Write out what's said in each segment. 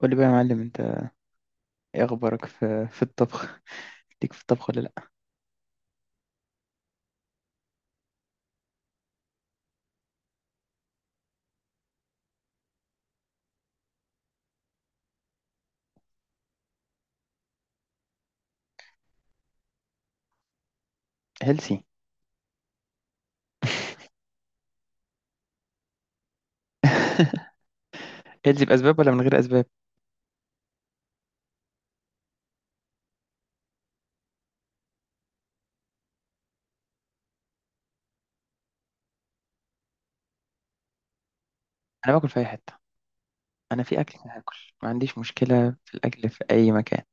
قول لي بقى يا معلم انت، ايه اخبارك في الطبخ؟ ليك في الطبخ ولا لا؟ هيلسي. هيلسي باسباب ولا من غير اسباب؟ انا باكل في اي حته. انا في اكل هاكل. ما عنديش مشكله في الاكل في اي مكان،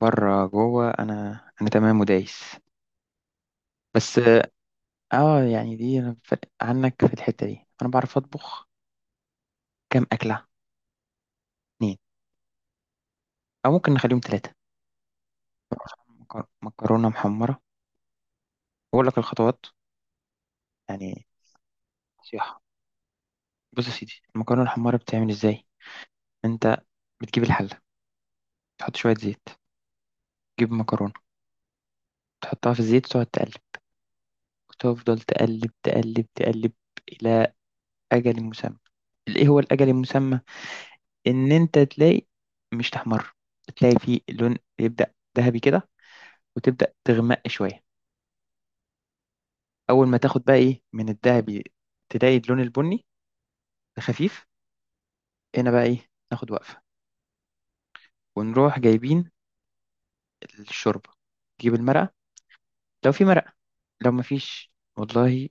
بره جوه انا. انا تمام ودايس بس. اه يعني دي انا عنك في الحته دي انا بعرف اطبخ كام اكله. اتنين، او ممكن نخليهم ثلاثه. مكرونه محمره، بقول لك الخطوات. يعني نصيحه. بص يا سيدي، المكرونه المحمره بتعمل ازاي؟ انت بتجيب الحله، تحط شويه زيت، تجيب مكرونة، تحطها في الزيت وتقعد تقلب، وتفضل تقلب إلى أجل مسمى. إيه هو الأجل المسمى؟ إن أنت تلاقي، مش تحمر، تلاقي فيه لون يبدأ ذهبي كده وتبدأ تغمق شوية. أول ما تاخد بقى إيه من الذهبي، تلاقي اللون البني خفيف. هنا بقى إيه ناخد وقفة، ونروح جايبين الشوربة. تجيب المرقة، لو في مرقة. لو مفيش، والله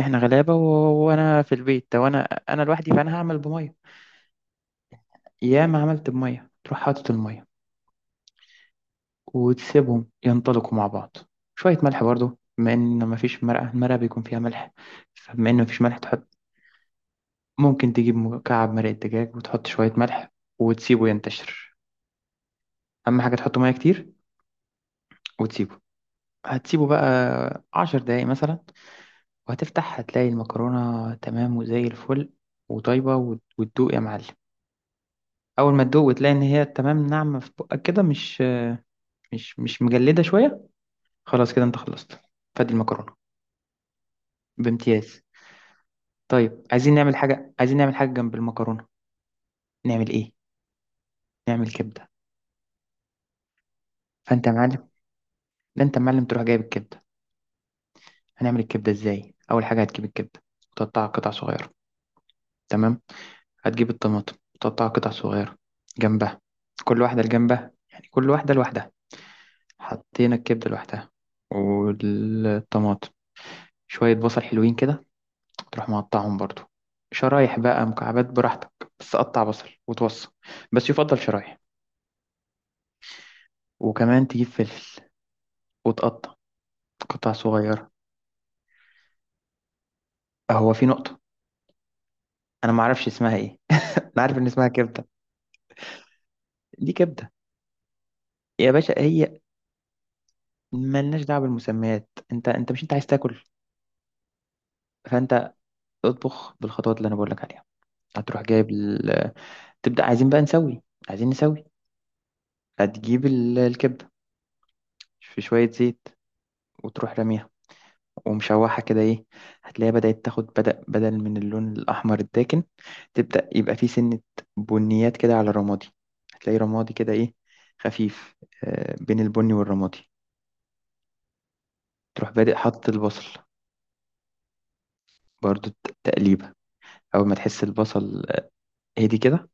إحنا غلابة، وأنا في البيت، وأنا أنا لوحدي، فأنا هعمل بمية. ياما عملت بمية. تروح حاطط المية وتسيبهم ينطلقوا مع بعض. شوية ملح برضو، بما إن مفيش مرقة، المرقة بيكون فيها ملح، فبما إن مفيش ملح تحط. ممكن تجيب مكعب مرقة دجاج وتحط شوية ملح، وتسيبه ينتشر. أهم حاجة تحط مية كتير وتسيبه. هتسيبه بقى 10 دقايق مثلا، وهتفتح هتلاقي المكرونة تمام وزي الفل وطيبة، وتدوق يا معلم. أول ما تدوق وتلاقي إن هي تمام، ناعمة في بقك كده، مش مش مجلدة شوية، خلاص كده أنت خلصت. فادي المكرونة بامتياز. طيب عايزين نعمل حاجة، جنب المكرونة نعمل إيه؟ نعمل كبدة. فأنت يا معلم، لا أنت يا معلم تروح جايب الكبدة. هنعمل الكبدة إزاي؟ أول حاجة هتجيب الكبدة وتقطعها قطع صغيرة، تمام؟ هتجيب الطماطم وتقطعها قطع صغيرة جنبها. كل واحدة لجنبها، يعني كل واحدة لوحدها. حطينا الكبدة لوحدها، والطماطم. شوية بصل حلوين كده تروح مقطعهم برضو، شرايح بقى مكعبات براحتك، بس قطع بصل وتوصل، بس يفضل شرايح. وكمان تجيب فلفل وتقطع قطع صغيرة. هو في نقطة، أنا ما أعرفش اسمها إيه. أنا عارف إن اسمها كبدة. دي كبدة. يا باشا، هي ملناش دعوة بالمسميات، أنت مش أنت عايز تاكل؟ فأنت اطبخ بالخطوات اللي أنا بقول لك عليها. هتروح جايب ال... تبدأ عايزين بقى نسوي، عايزين نسوي. هتجيب الكبدة في شوية زيت، وتروح راميها ومشوحة كده إيه. هتلاقيها بدأت تاخد، بدأ بدل من اللون الأحمر الداكن تبدأ يبقى فيه سنة بنيات كده على الرمادي. هتلاقي رمادي كده إيه، خفيف، بين البني والرمادي. تروح بادئ حط البصل، برضو تقليبة. أول ما تحس البصل هدي كده.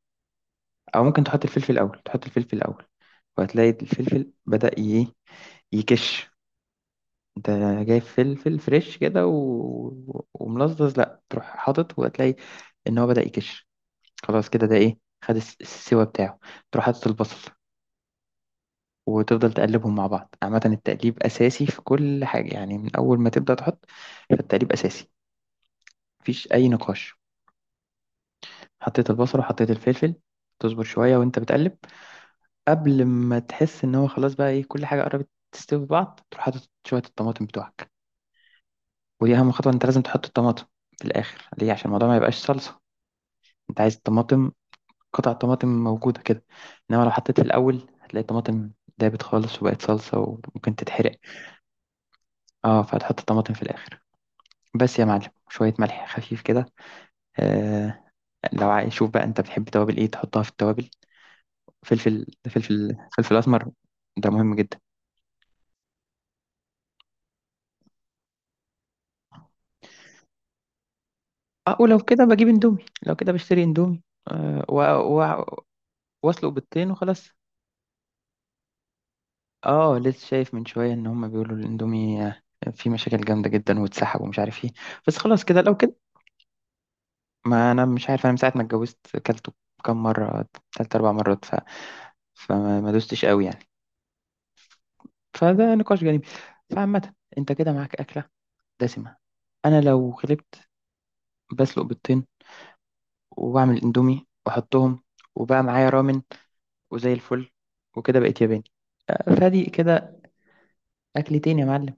أو ممكن تحط الفلفل الأول، تحط الفلفل الأول، وهتلاقي الفلفل بدأ ي- إيه، يكش. انت جايب فلفل فريش كده وملزز، لا تروح حاطط، وهتلاقي ان هو بدأ يكش. خلاص كده ده ايه، خد السوا بتاعه. تروح حاطط البصل وتفضل تقلبهم مع بعض. عامة التقليب أساسي في كل حاجة، يعني من أول ما تبدأ تحط فالتقليب أساسي، مفيش أي نقاش. حطيت البصل وحطيت الفلفل، تصبر شوية وأنت بتقلب. قبل ما تحس إن هو خلاص بقى إيه، كل حاجة قربت تستوي في بعض، تروح حاطط شوية الطماطم بتوعك. ودي أهم خطوة، أنت لازم تحط الطماطم في الآخر. ليه؟ عشان الموضوع ما يبقاش صلصة. أنت عايز الطماطم قطع طماطم موجودة كده، إنما لو حطيت في الأول، هتلاقي الطماطم دابت خالص وبقت صلصة وممكن تتحرق. اه، فهتحط الطماطم في الآخر. بس يا معلم شوية ملح خفيف كده. آه، لو عايز شوف بقى أنت بتحب توابل إيه تحطها، في التوابل فلفل، فلفل أسمر. ده مهم جدا. اه، ولو كده بجيب اندومي، لو كده بشتري اندومي. آه و... و... واسلق بيضتين وخلاص. اه، لسه شايف من شوية إن هما بيقولوا الاندومي فيه مشاكل جامدة جدا واتسحب ومش عارف ايه، بس خلاص كده لو كده. ما انا مش عارف، انا من ساعه ما اتجوزت اكلته كم مره. 3 4 مرات فما ما دوستش قوي يعني. فده نقاش جانبي. فعامه انت كده معاك اكله دسمه. انا لو غلبت بسلق بيضتين وبعمل اندومي واحطهم، وبقى معايا رامن وزي الفل، وكده بقيت ياباني. فادي كده، اكلتين يا معلم.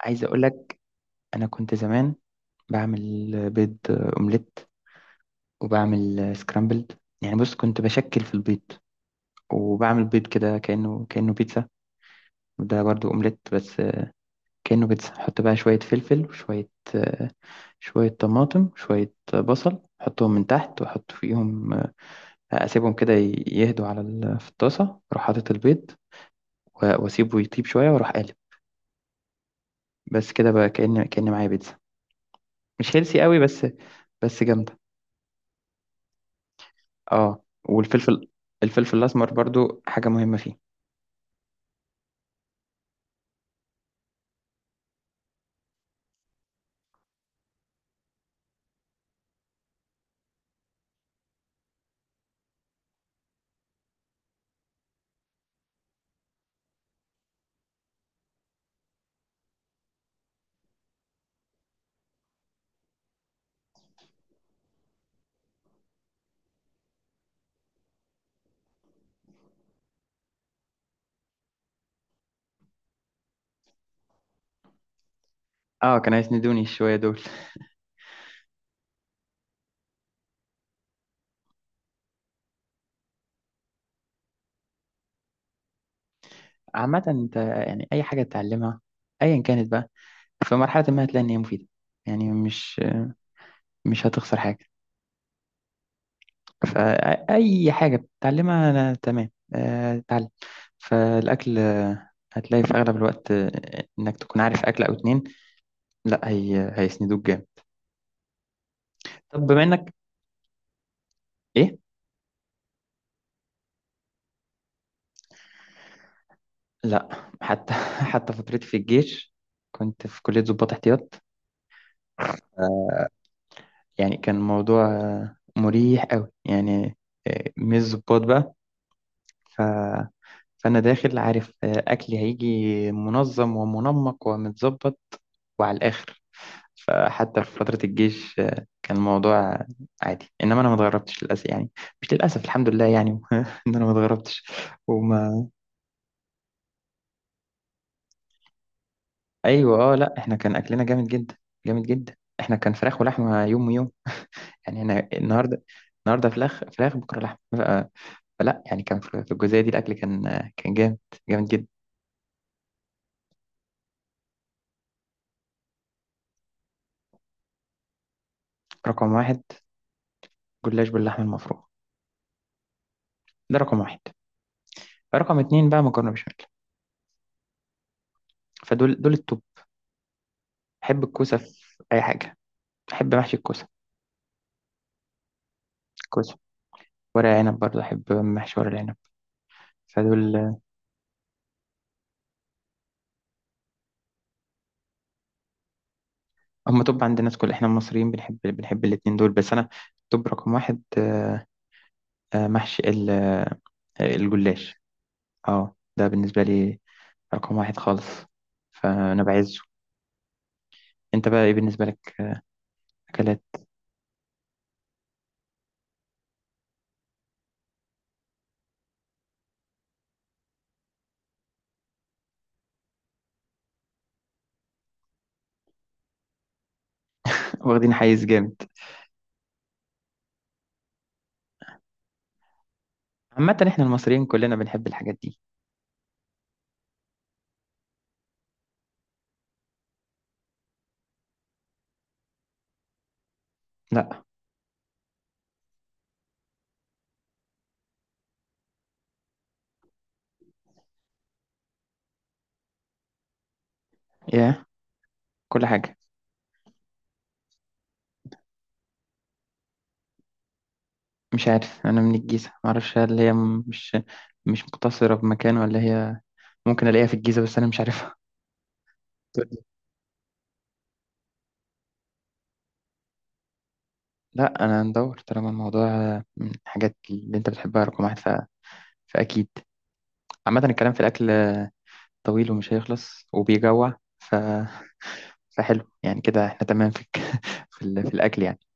عايز اقول لك، انا كنت زمان بعمل بيض اومليت، وبعمل سكرامبلد. يعني بص كنت بشكل في البيض، وبعمل بيض كده كانه بيتزا. ده برضو اومليت بس كأنه بيتزا. حط بقى شوية فلفل وشوية آه، شوية طماطم، شوية بصل، حطهم من تحت وأحط فيهم أسيبهم كده يهدوا على في الطاسة، أروح حاطط البيض وأسيبه يطيب شوية وأروح قالب. بس كده بقى، كأن معايا بيتزا. مش هيلسي قوي بس، بس جامدة. اه، والفلفل، الفلفل الأسمر برضو حاجة مهمة فيه. اه كانوا هيسندوني شوية دول. عامة انت يعني أي حاجة تتعلمها أيا كانت بقى، في مرحلة ما هتلاقي إن هي مفيدة. يعني مش هتخسر حاجة. فأي حاجة بتتعلمها أنا تمام، اتعلم. فالأكل هتلاقي في أغلب الوقت إنك تكون عارف أكل أو اتنين، لا هي هيسندوك جامد. طب بما إنك... إيه؟ لا حتى حتى فترتي في الجيش كنت في كلية ضباط احتياط. يعني كان الموضوع مريح أوي يعني، مش ضباط بقى. فأنا داخل عارف أكلي هيجي منظم ومنمق ومتظبط وعلى الآخر. فحتى في فترة الجيش كان الموضوع عادي. إنما أنا ما اتغربتش للأسف يعني، مش للأسف، الحمد لله يعني إن أنا ما اتغربتش. وما... أيوة. أه لأ، إحنا كان أكلنا جامد جدا، جامد جدا. إحنا كان فراخ ولحمة، يوم ويوم يعني. أنا النهاردة، النهاردة فراخ، فراخ بكرة لحمة فلا يعني. كان في الجزئية دي الأكل كان كان جامد، جامد جدا. رقم واحد جلاش باللحمة المفرومة، ده رقم واحد. رقم اتنين بقى مكرونه بشاميل. فدول دول التوب. بحب الكوسه في اي حاجه، بحب محشي الكوسه. كوسه، ورق عنب. برضه احب محشي ورق العنب. فدول هم توب عند الناس، كل احنا المصريين بنحب، الاتنين دول. بس انا توب رقم واحد، محشي الجلاش. اه، ده بالنسبه لي رقم واحد خالص، فانا بعزه. انت بقى ايه بالنسبه لك اكلات؟ واخدين حيز جامد. عامه احنا المصريين كلنا بنحب الحاجات دي. لا يا، كل حاجه. مش عارف، انا من الجيزه ما اعرفش هل هي مش، مش مقتصره بمكان، ولا هي ممكن الاقيها في الجيزه بس انا مش عارفها. تقول لي، لا انا ندور طالما الموضوع من الحاجات اللي انت بتحبها رقم واحد فاكيد. عامه الكلام في الاكل طويل ومش هيخلص وبيجوع فحلو يعني. كده احنا تمام في في, ال... في الاكل يعني.